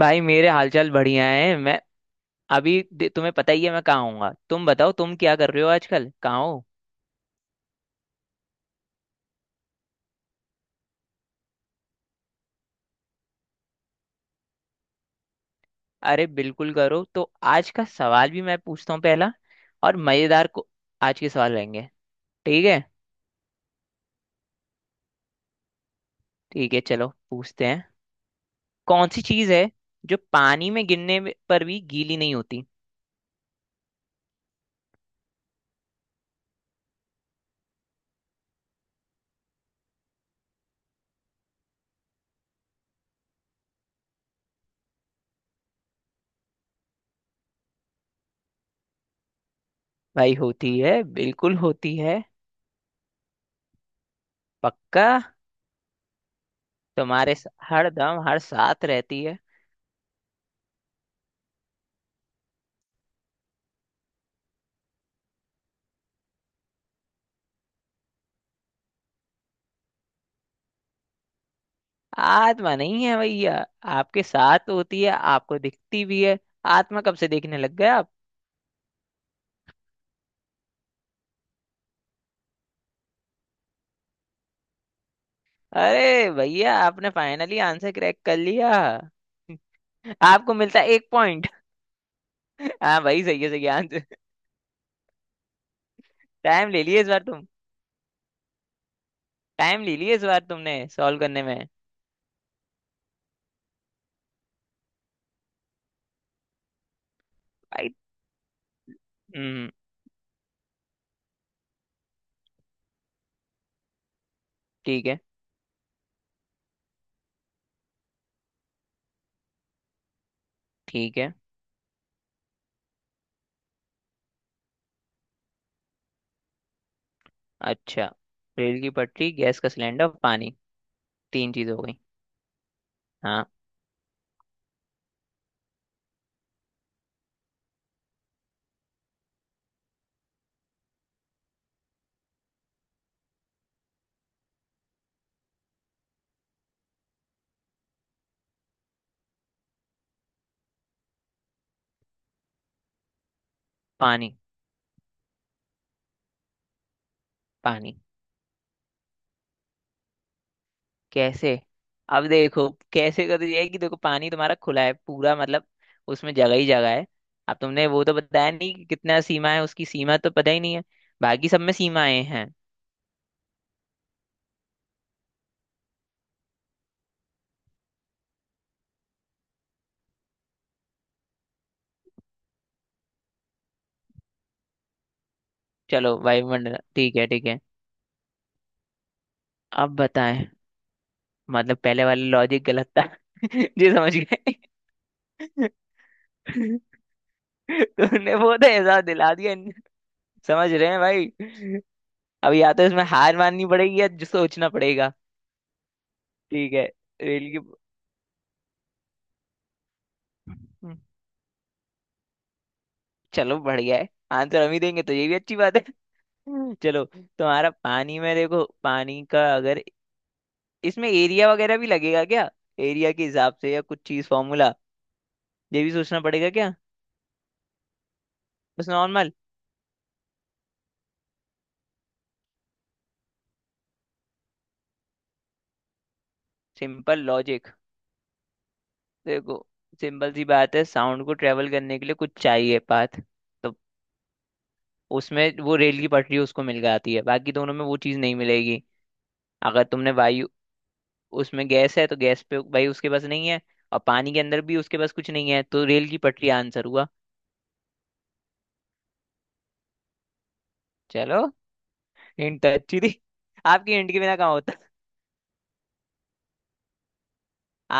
भाई मेरे हालचाल बढ़िया है। मैं अभी तुम्हें पता ही है मैं कहाँ हूँगा। तुम बताओ, तुम क्या कर रहे हो आजकल, कहाँ हो? अरे बिल्कुल करो। तो आज का सवाल भी मैं पूछता हूँ पहला और मजेदार को आज के सवाल रहेंगे, ठीक है? ठीक है, चलो पूछते हैं। कौन सी चीज़ है जो पानी में पर भी गीली नहीं होती? भाई होती है, बिल्कुल होती है। पक्का। तुम्हारे हर दम हर साथ रहती है। आत्मा नहीं है भैया। आपके साथ तो होती है, आपको दिखती भी है। आत्मा कब से देखने लग गए आप? अरे भैया, आपने फाइनली आंसर क्रैक कर लिया। आपको मिलता है एक पॉइंट। हाँ भाई, सही है, सही है आंसर। टाइम ले लिए इस बार तुम। टाइम ले लिए इस बार तुमने सॉल्व करने में। भाई। हम्म। ठीक है। ठीक है। अच्छा। रेल की पटरी, गैस का सिलेंडर, पानी। तीन चीज हो गई। हाँ। पानी। पानी। कैसे? अब देखो कैसे कर दिया है कि देखो, पानी तुम्हारा खुला है पूरा मतलब। उसमें जगह ही जगह है। अब तुमने वो तो बताया नहीं कि कितना सीमा है, उसकी सीमा तो पता ही नहीं है। बाकी सब में सीमाएं हैं। चलो वायुमंडल, ठीक है ठीक है। अब बताएं? मतलब पहले वाला लॉजिक गलत था। जी समझ गए। तुमने वो तो एहसास दिला दिया। समझ रहे हैं भाई। अब या तो इसमें हार माननी पड़ेगी या जो सोचना पड़ेगा। ठीक है। रेल की। चलो बढ़िया है, आंसर हम ही देंगे तो ये भी अच्छी बात है। चलो तुम्हारा पानी में, देखो पानी का अगर इसमें एरिया वगैरह भी लगेगा क्या? एरिया के हिसाब से या कुछ चीज फॉर्मूला? ये भी सोचना पड़ेगा क्या? बस नॉर्मल। Simple logic. देखो, सिंपल सी बात है, साउंड को ट्रेवल करने के लिए कुछ चाहिए पाथ। तो उसमें वो रेल की पटरी उसको मिल जाती है, बाकी दोनों में वो चीज नहीं मिलेगी। अगर तुमने वायु, उसमें गैस है तो गैस पे भाई उसके पास नहीं है। और पानी के अंदर भी उसके पास कुछ नहीं है, तो रेल की पटरी आंसर हुआ। चलो। हिंट अच्छी थी। आपकी हिंट के बिना कहाँ होता।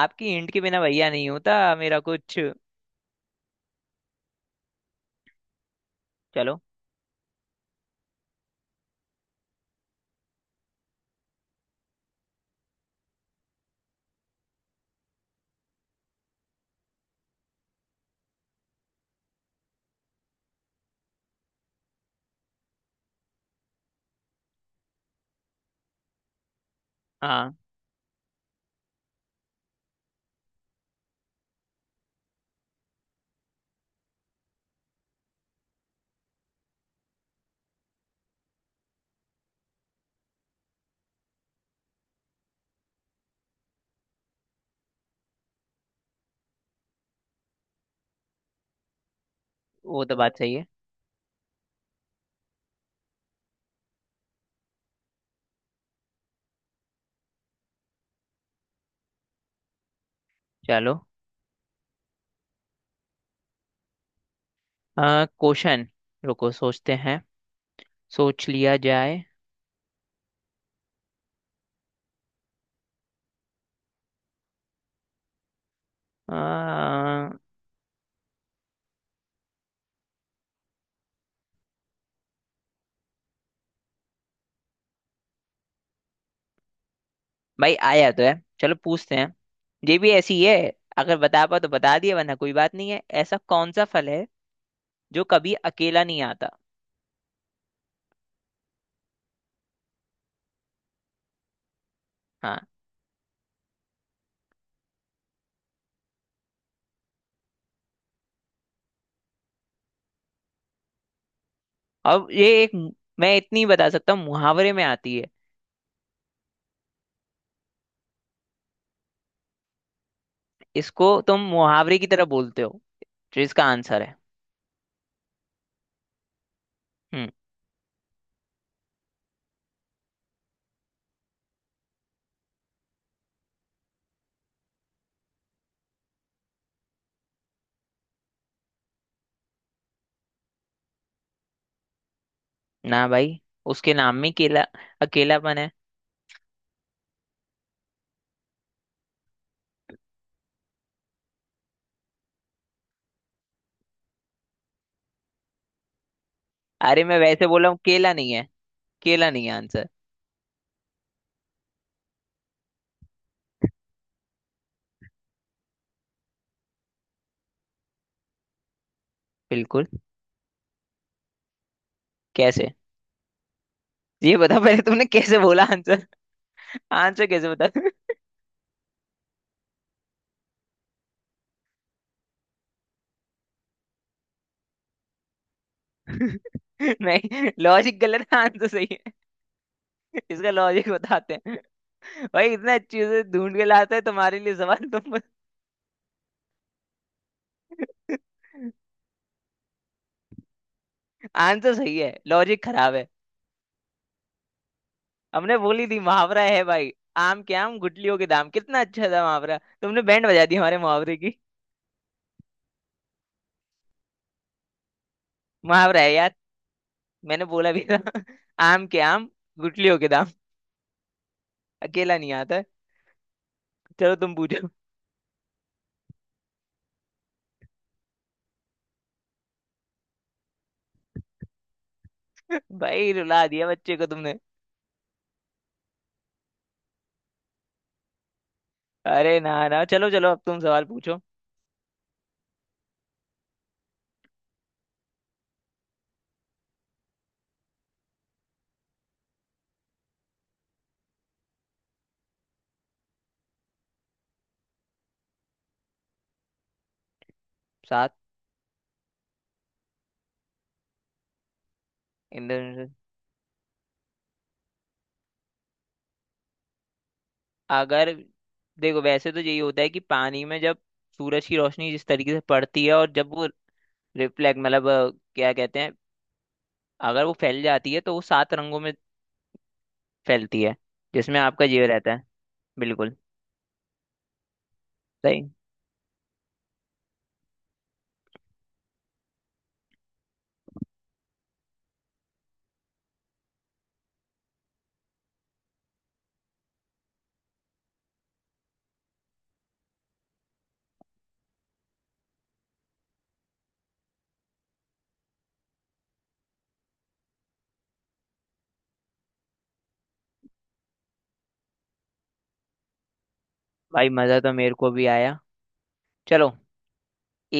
आपकी हिंट के बिना भैया नहीं होता मेरा कुछ। चलो। हाँ, वो तो बात सही है। चलो। क्वेश्चन। रुको, सोचते हैं। सोच लिया जाए। आ, भाई आया तो है। चलो पूछते हैं। ये भी ऐसी है, अगर बता पाओ तो बता दिया, वरना कोई बात नहीं है। ऐसा कौन सा फल है जो कभी अकेला नहीं आता? हाँ। और ये एक, मैं इतनी बता सकता हूँ, मुहावरे में आती है। इसको तुम मुहावरे की तरह बोलते हो जो इसका आंसर है। हम्म। ना भाई, उसके नाम में केला अकेलापन है। अरे मैं वैसे बोला हूँ, केला नहीं है। केला नहीं है आंसर। बिल्कुल। कैसे? ये बता पहले तुमने कैसे बोला आंसर? आंसर कैसे बता? नहीं, लॉजिक गलत है, आंसर सही है। इसका लॉजिक बताते हैं। भाई इतना अच्छे से ढूंढ के लाते हैं तुम्हारे लिए सवाल, तुम आंसर सही है, लॉजिक खराब है। हमने बोली थी मुहावरा है भाई। आम के आम गुठलियों के दाम, कितना अच्छा था मुहावरा, तुमने बैंड बजा दी हमारे मुहावरे की। मुहावरा है यार, मैंने बोला भी था। आम के आम गुठलियों के दाम। अकेला नहीं आता है। चलो तुम पूछो। भाई रुला दिया बच्चे को तुमने। अरे ना ना, चलो चलो, अब तुम सवाल पूछो। सात। इंद्र, अगर, देखो वैसे तो यही होता है कि पानी में जब सूरज की रोशनी जिस तरीके से पड़ती है, और जब वो रिफ्लेक्ट मतलब क्या कहते हैं, अगर वो फैल जाती है तो वो सात रंगों में फैलती है। जिसमें आपका जीव रहता है। बिल्कुल। सही। भाई मजा तो मेरे को भी आया। चलो,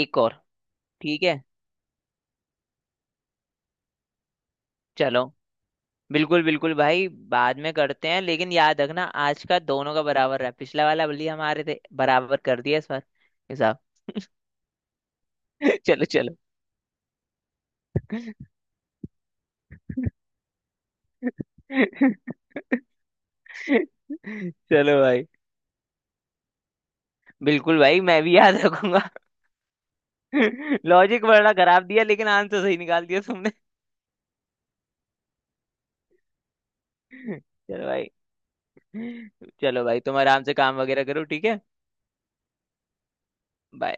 एक और। ठीक है। चलो, बिल्कुल बिल्कुल भाई, बाद में करते हैं, लेकिन याद रखना आज का दोनों का बराबर रहा। पिछला वाला बल्ली हमारे थे, बराबर कर दिया इस बार। हिसाब। चलो चलो। चलो भाई, बिल्कुल भाई, मैं भी याद रखूंगा। लॉजिक बड़ा खराब दिया, लेकिन आंसर सही निकाल दिया तुमने। चलो भाई। चलो भाई, तुम आराम से काम वगैरह करो, ठीक है। Bye.